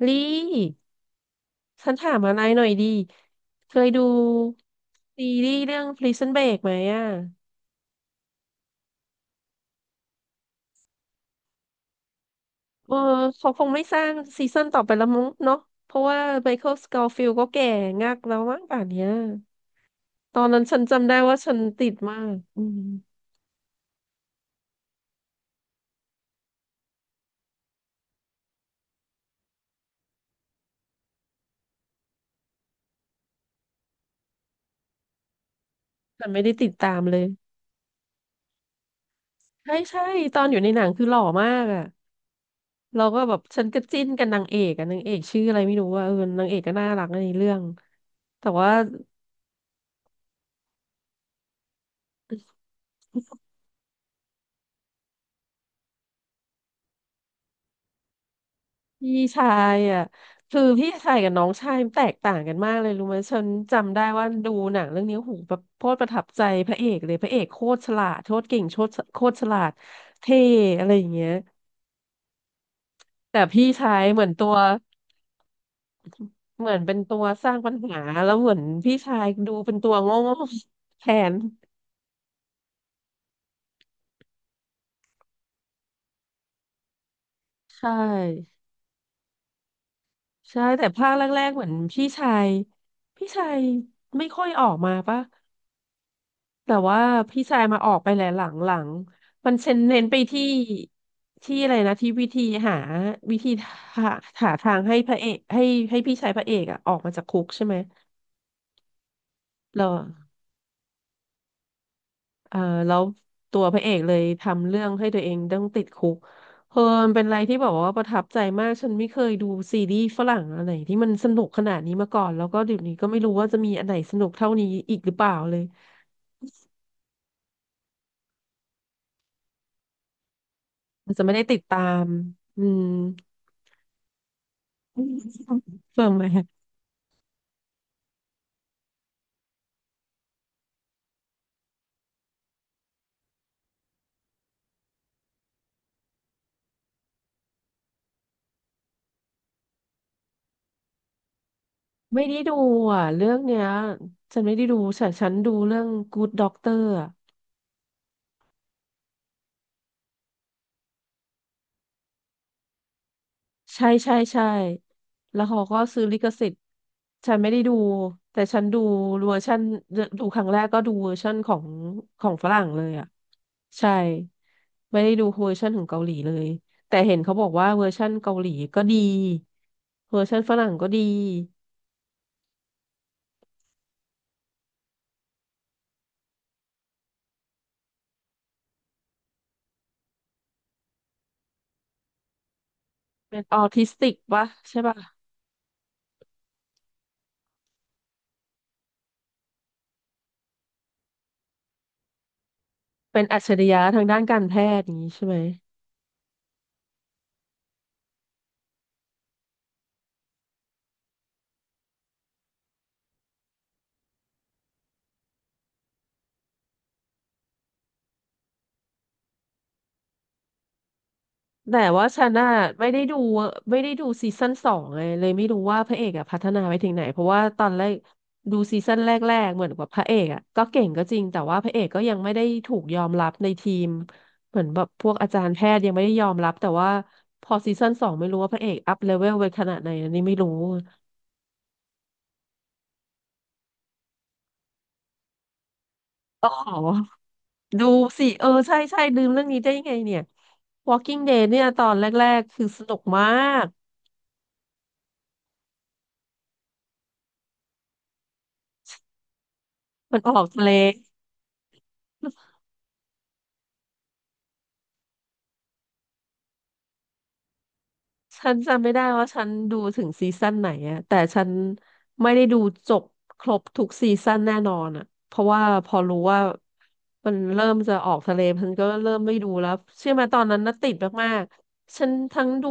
ลี่ฉันถามอะไรหน่อยดี เคยดูซีรีส์เรื่อง Prison Break ไหมอ่ะเออเขาคงไม่สร้างซีซั่นต่อไปแล้วมั้งเนาะเพราะว่าไมเคิลสก f ฟิล d ก็แก่งักแล้วมั้งป่านเนี้ยตอนนั้นฉันจำได้ว่าฉันติดมากอืมฉันไม่ได้ติดตามเลย ใช่ใช่ตอนอยู่ในหนังคือหล่อมากอ่ะ เราก็แบบฉันก็จิ้นกับนางเอกอ่ะนางเอกชื่ออะไรไม่รู้ว่าเออนางเอกก็น่ารักในเรื่องแต่ว่า พี่ชายอ่ะคือพี่ชายกับน้องชายมันแตกต่างกันมากเลยรู้ไหมฉันจำได้ว่าดูหนังเรื่องนี้โอ้โหูแบบโคตรประทับใจพระเอกเลยพระเอกโคตรฉลาดโคตรเก่งโคตรโคตรฉลาดเท่อะไรอย่างเงี้ยแต่พี่ชายเหมือนตัวเหมือนเป็นตัวสร้างปัญหาแล้วเหมือนพี่ชายดูเป็นตัวโง่ๆแทนใช่ใช่แต่ภาคแรกๆเหมือนพี่ชายพี่ชายไม่ค่อยออกมาปะ แต่ว่าพี่ชายมาออกไปแหละหลังหลังมันเน้นไปที่อะไรนะที่วิธีหาวิธีหาหาทางให้พระเอกให้ให้พี่ชายพระเอกอะออกมาจากคุกใช่ไหมแล้วเอ่อแล้วตัวพระเอกเลยทำเรื่องให้ตัวเองต้องติดคุกเออมันเป็นอะไรที่แบบว่าประทับใจมากฉันไม่เคยดูซีรีส์ฝรั่งอะไรที่มันสนุกขนาดนี้มาก่อนแล้วก็เดี๋ยวนี้ก็ไม่รู้ว่าจะมีอันไหนสนุกเท่านี้อีกหรือเปล่าเลยอาจจะไม่ได้ติดตามอืม เฟิร์มไหม ไม่ได้ดูอ่ะเรื่องเนี้ยฉันไม่ได้ดูฉันฉันดูเรื่อง Good Doctor อ่ะใช่ใช่ใช่แล้วเขาก็ซื้อลิขสิทธิ์ฉันไม่ได้ดูแต่ฉันดูเวอร์ชันดูครั้งแรกก็ดูเวอร์ชันของของฝรั่งเลยอ่ะใช่ไม่ได้ดูเวอร์ชันของเกาหลีเลยแต่เห็นเขาบอกว่าเวอร์ชันเกาหลีก็ดีเวอร์ชันฝรั่งก็ดีเป็นออทิสติกปะใช่ปะเป็นอัจฉริยะทางด้านการแพทย์อย่างนี้ใช่ไหม แต่ว่าฉันน่ะไม่ได้ดูซีซั่นสองเลยเลยไม่รู้ว่าพระเอกอะพัฒนาไปถึงไหนเพราะว่าตอนแรกดูซีซั่นแรกๆเหมือนกับพระเอกอะก็เก่งก็จริงแต่ว่าพระเอกก็ยังไม่ได้ถูกยอมรับในทีมเหมือนแบบพวกอาจารย์แพทย์ยังไม่ได้ยอมรับแต่ว่าพอซีซั่นสองไม่รู้ว่าพระเอกอัพเลเวลไปขนาดไหนอันนี้ไม่รู้อ๋อดูสิเออใช่ใช่ลืมเรื่องนี้ได้ยังไงเนี่ย Walking Dead เนี่ยตอนแรกๆคือสนุกมากมันออกทะเล ฉันจำไม่ได้ว่าฉันดูถึงซีซั่นไหนอะแต่ฉันไม่ได้ดูจบครบทุกซีซั่นแน่นอนอะเพราะว่าพอรู้ว่ามันเริ่มจะออกทะเลฉันก็เริ่มไม่ดูแล้วเชื่อไหมตอนนั้นน่ะติดมากๆฉันทั้งดู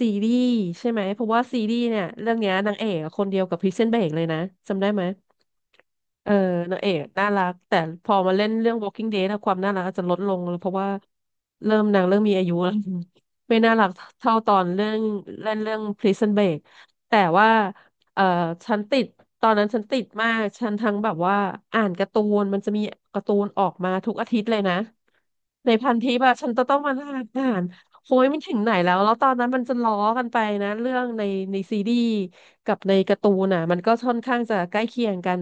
ซีรีส์ใช่ไหมเพราะว่าซีรีส์เนี่ยเรื่องเนี้ยนางเอกอะคนเดียวกับพริซเซ้นเบรกเลยนะจำได้ไหม เออนางเอกน่ารักแต่พอมาเล่นเรื่อง Walking Dead อะความน่ารักอาจจะลดลงเพราะว่าเริ่มนางเริ่มมีอายุแล้ว ไม่น่ารักเท่าตอนเรื่องเล่นเรื่อง Prison Break แต่ว่าเออฉันติดตอนนั้นฉันติดมากฉันทั้งแบบว่าอ่านการ์ตูนมันจะมีการ์ตูนออกมาทุกอาทิตย์เลยนะในพันทิปอะฉันจะต้องมานั่งอ่านโอ้ยมันถึงไหนแล้วแล้วตอนนั้นมันจะล้อกันไปนะเรื่องในซีรีส์กับในการ์ตูนอะมันก็ค่อนข้างจะใกล้เคียงกัน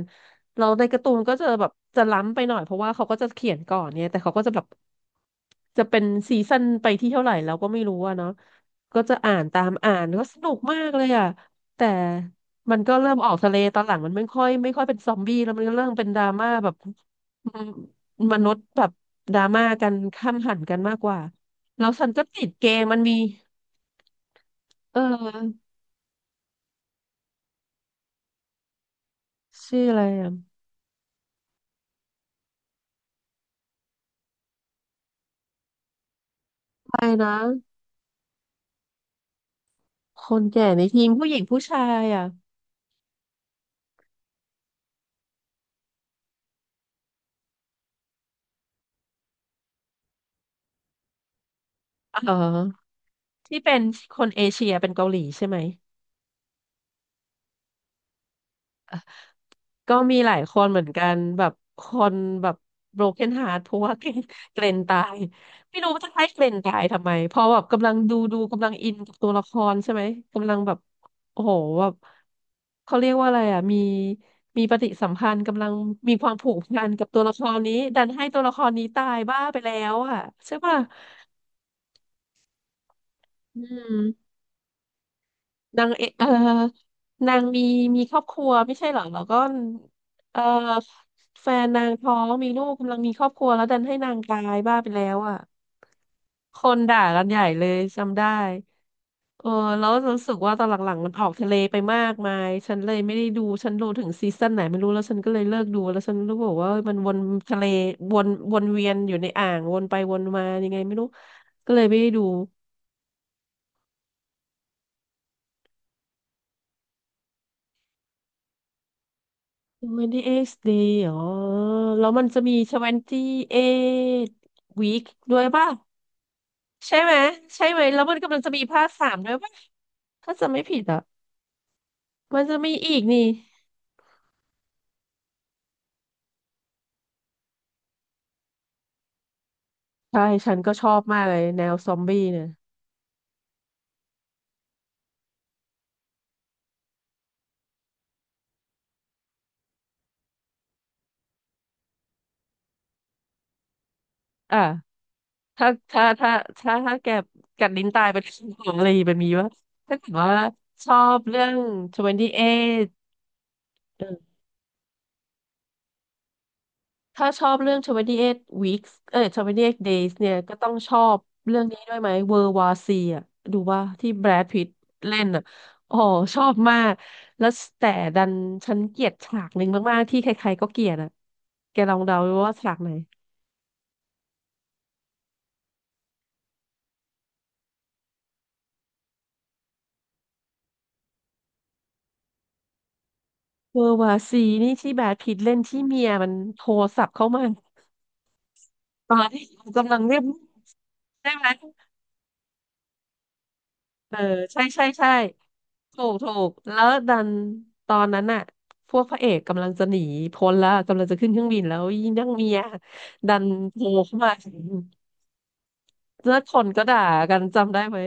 เราในการ์ตูนก็จะแบบจะล้ำไปหน่อยเพราะว่าเขาก็จะเขียนก่อนเนี่ยแต่เขาก็จะแบบจะเป็นซีซั่นไปที่เท่าไหร่เราก็ไม่รู้อะเนาะก็จะอ่านตามอ่านก็สนุกมากเลยอะแต่มันก็เริ่มออกทะเลตอนหลังมันไม่ค่อยเป็นซอมบี้แล้วมันก็เริ่มเป็นดราม่าแบบอืมมนุษย์แบบดราม่ากันข้ามหันกันมากกว่าแล้วฉันก็ติดเกมมันมีเออชื่ออะไรอะไปนะคนแก่ในทีมผู้หญิงผู้ชายอ่ะเออ ที่เป็นคนเอเชียเป็นเกาหลีใช่ไหมก็มีหลายคนเหมือนกันแบบคนแบบ broken heart เพราะว่าเกรนตายไม่รู้ว่าจะให้เกรนตายทำไมเพราะแบบกำลังดูกำลังอินกับตัวละครใช่ไหมกำลังแบบโอ้โหแบบเขาเรียกว่าอะไรอ่ะมีปฏิสัมพันธ์กำลังมีความผูกพันกับตัวละครนี้ดันให้ตัวละครนี้ตายบ้าไปแล้วอ่ะใช่ป่ะอืม นางนางมีครอบครัวไม่ใช่เหรอแล้วก็เออแฟนนางท้องมีลูกกำลังมีครอบครัวแล้วดันให้นางตายบ้าไปแล้วอ่ะคนด่ากันใหญ่เลยจำได้เออแล้วรู้สึกว่าตอนหลังๆมันออกทะเลไปมากมายฉันเลยไม่ได้ดูฉันดูถึงซีซั่นไหนไม่รู้แล้วฉันก็เลยเลิกดูแล้วฉันรู้บอกว่ามันวนทะเลวนวนเวียนอยู่ในอ่างวนไปวนมายังไงไม่รู้ก็เลยไม่ได้ดู 28 day อ๋อแล้วมันจะมี 28 week ด้วยป่ะ ใช่ไหมใช่ไหมแล้วมันกำลังจะมีภาคสามด้วยป่ะ ถ้าจะไม่ผิดอ่ะ มันจะมีอีกนี่ ใช่ ฉันก็ชอบมากเลยแนวซอมบี้เนี่ยอ่ะถ้า ถ้า ถ้า ถ้าแกกัดลิ้นตายไปทุกงหมอะไรแบบนี้วะถ้าเกิดว่าชอบเรื่อง 28 ถ้าชอบเรื่อง28 weeks เอ้ย2 s days เนี่ยก็ต้องชอบเรื่องนี้ด้วยไหม World War e อ่ะดูว่าที่แบรดพิตต์เล่นอ่ะโอ้โหชอบมาก แล้วแต่ดันฉันเกลียดฉากหนึ่งมากๆที่ใครๆก็เกลียดอ่ะแกลองเดาดูว่าฉากไหน World War C นี่ที่แบรดพิตต์เล่นที่เมียมันโทรศัพท์เข้ามาตอนที่กำลังเรียบได้ไหม เออใช่ใช่ใช่ถูกแล้วดันตอนนั้นอะพวกพระเอกกำลังจะหนีพ้นแล้วกำลังจะขึ้นเครื่องบินแล้วยิ่งนักเมียดันโผล่เข้ามา แล้วคนก็ด่ากันจำได้ไหม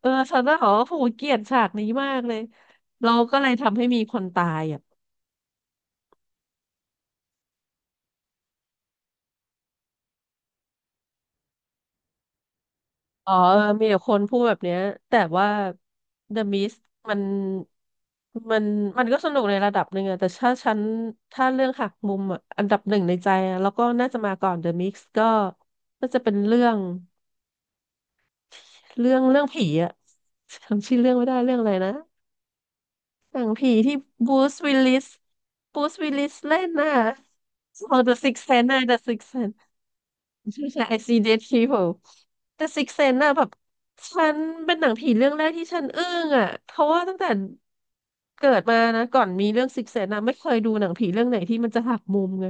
เออฉันน่ะเหรอโหเกลียดฉากนี้มากเลยเราก็เลยทำให้มีคนตายอ่ะ อ๋อเออมีแต่คนพูดแบบเนี้ยแต่ว่า The Mist มันมันมันก็สนุกในระดับหนึ่งอะแต่ถ้าฉัน ถ้าเรื่องหักมุมอะอันดับหนึ่งในใจอะแล้วก็น่าจะมาก่อน The Mist ก็จะเป็นเรื่อง เรื่องผีอะจำชื่อเรื่องไม่ได้เรื่องอะไรนะหนังผีที่บูสวิลลิสบูสวิลลิสเล่นน่ะ The Sixth Sense นะ The Sixth Sense I see dead people แต่ Six Sense น่ะแบบฉันเป็นหนังผีเรื่องแรกที่ฉันอึ้งอ่ะเพราะว่าตั้งแต่เกิดมานะก่อนมีเรื่อง Six Sense นะไม่เคยดูหนังผีเรื่องไหนที่มันจะหักมุมไง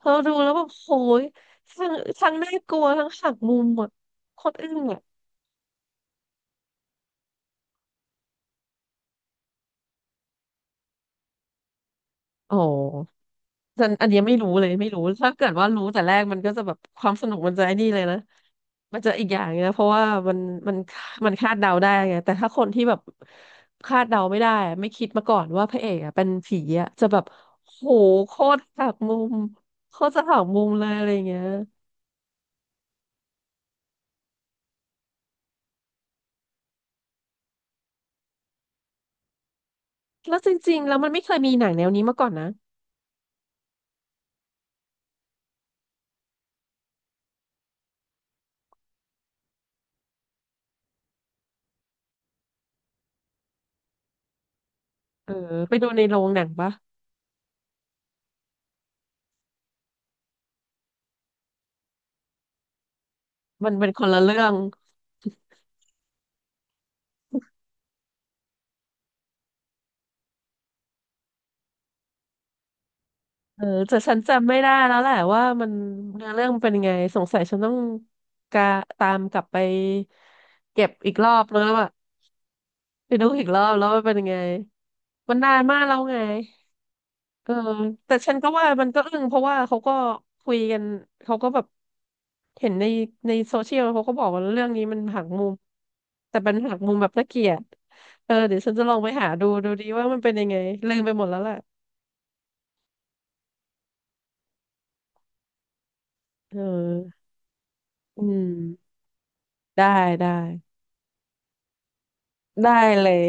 พอดูแล้วแบบโหยทั้งทั้งน่ากลัวทั้งหักมุมอ่ะโคตรอึ้งอ่ะอ๋อ อันอันเนี้ยไม่รู้เลยไม่รู้ถ้าเกิดว่ารู้แต่แรกมันก็จะแบบความสนุกมันจะไอ้นี่เลยนะมันจะอีกอย่างนะเพราะว่ามันมันมันคาดเดาได้ไงแต่ถ้าคนที่แบบคาดเดาไม่ได้ไม่คิดมาก่อนว่าพระเอกอ่ะเป็นผีอ่ะจะแบบโหโคตรหักมุมโคตรจะหักมุมเลยอะไรอย่างเงี้ยแล้วจริงๆแล้วมันไม่เคยมีหนังแนวนี้มาก่อนนะเออไปดูในโรงหนังปะมันเป็นคนละเรื่อง เออแต่ฉันจำไม่ได้แล้วแหละว่ามันเนื้อเรื่องมันเป็นยังไงสงสัยฉันต้องกาตามกลับไปเก็บอีกรอบแล้วอะไปดูอีกรอบแล้วว่าเป็นยังไงมันนานมากแล้วไงเออแต่ฉันก็ว่ามันก็อึ้งเพราะว่าเขาก็คุยกันเขาก็แบบเห็นในโซเชียลเขาก็บอกว่าเรื่องนี้มันหักมุมแต่เป็นหักมุมแบบน่าเกลียดเออเดี๋ยวฉันจะลองไปหาดูดีว่ามันเป็นยังไงลืมไปหมดแล้วแหละเอออืมได้ได้ ได้เลย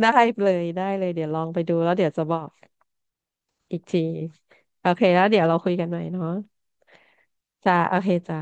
ได้เลยได้เลยเดี๋ยวลองไปดูแล้วเดี๋ยวจะบอกอีกทีโอเคแล้วเดี๋ยวเราคุยกันใหม่เนาะจ้าโอเคจ้า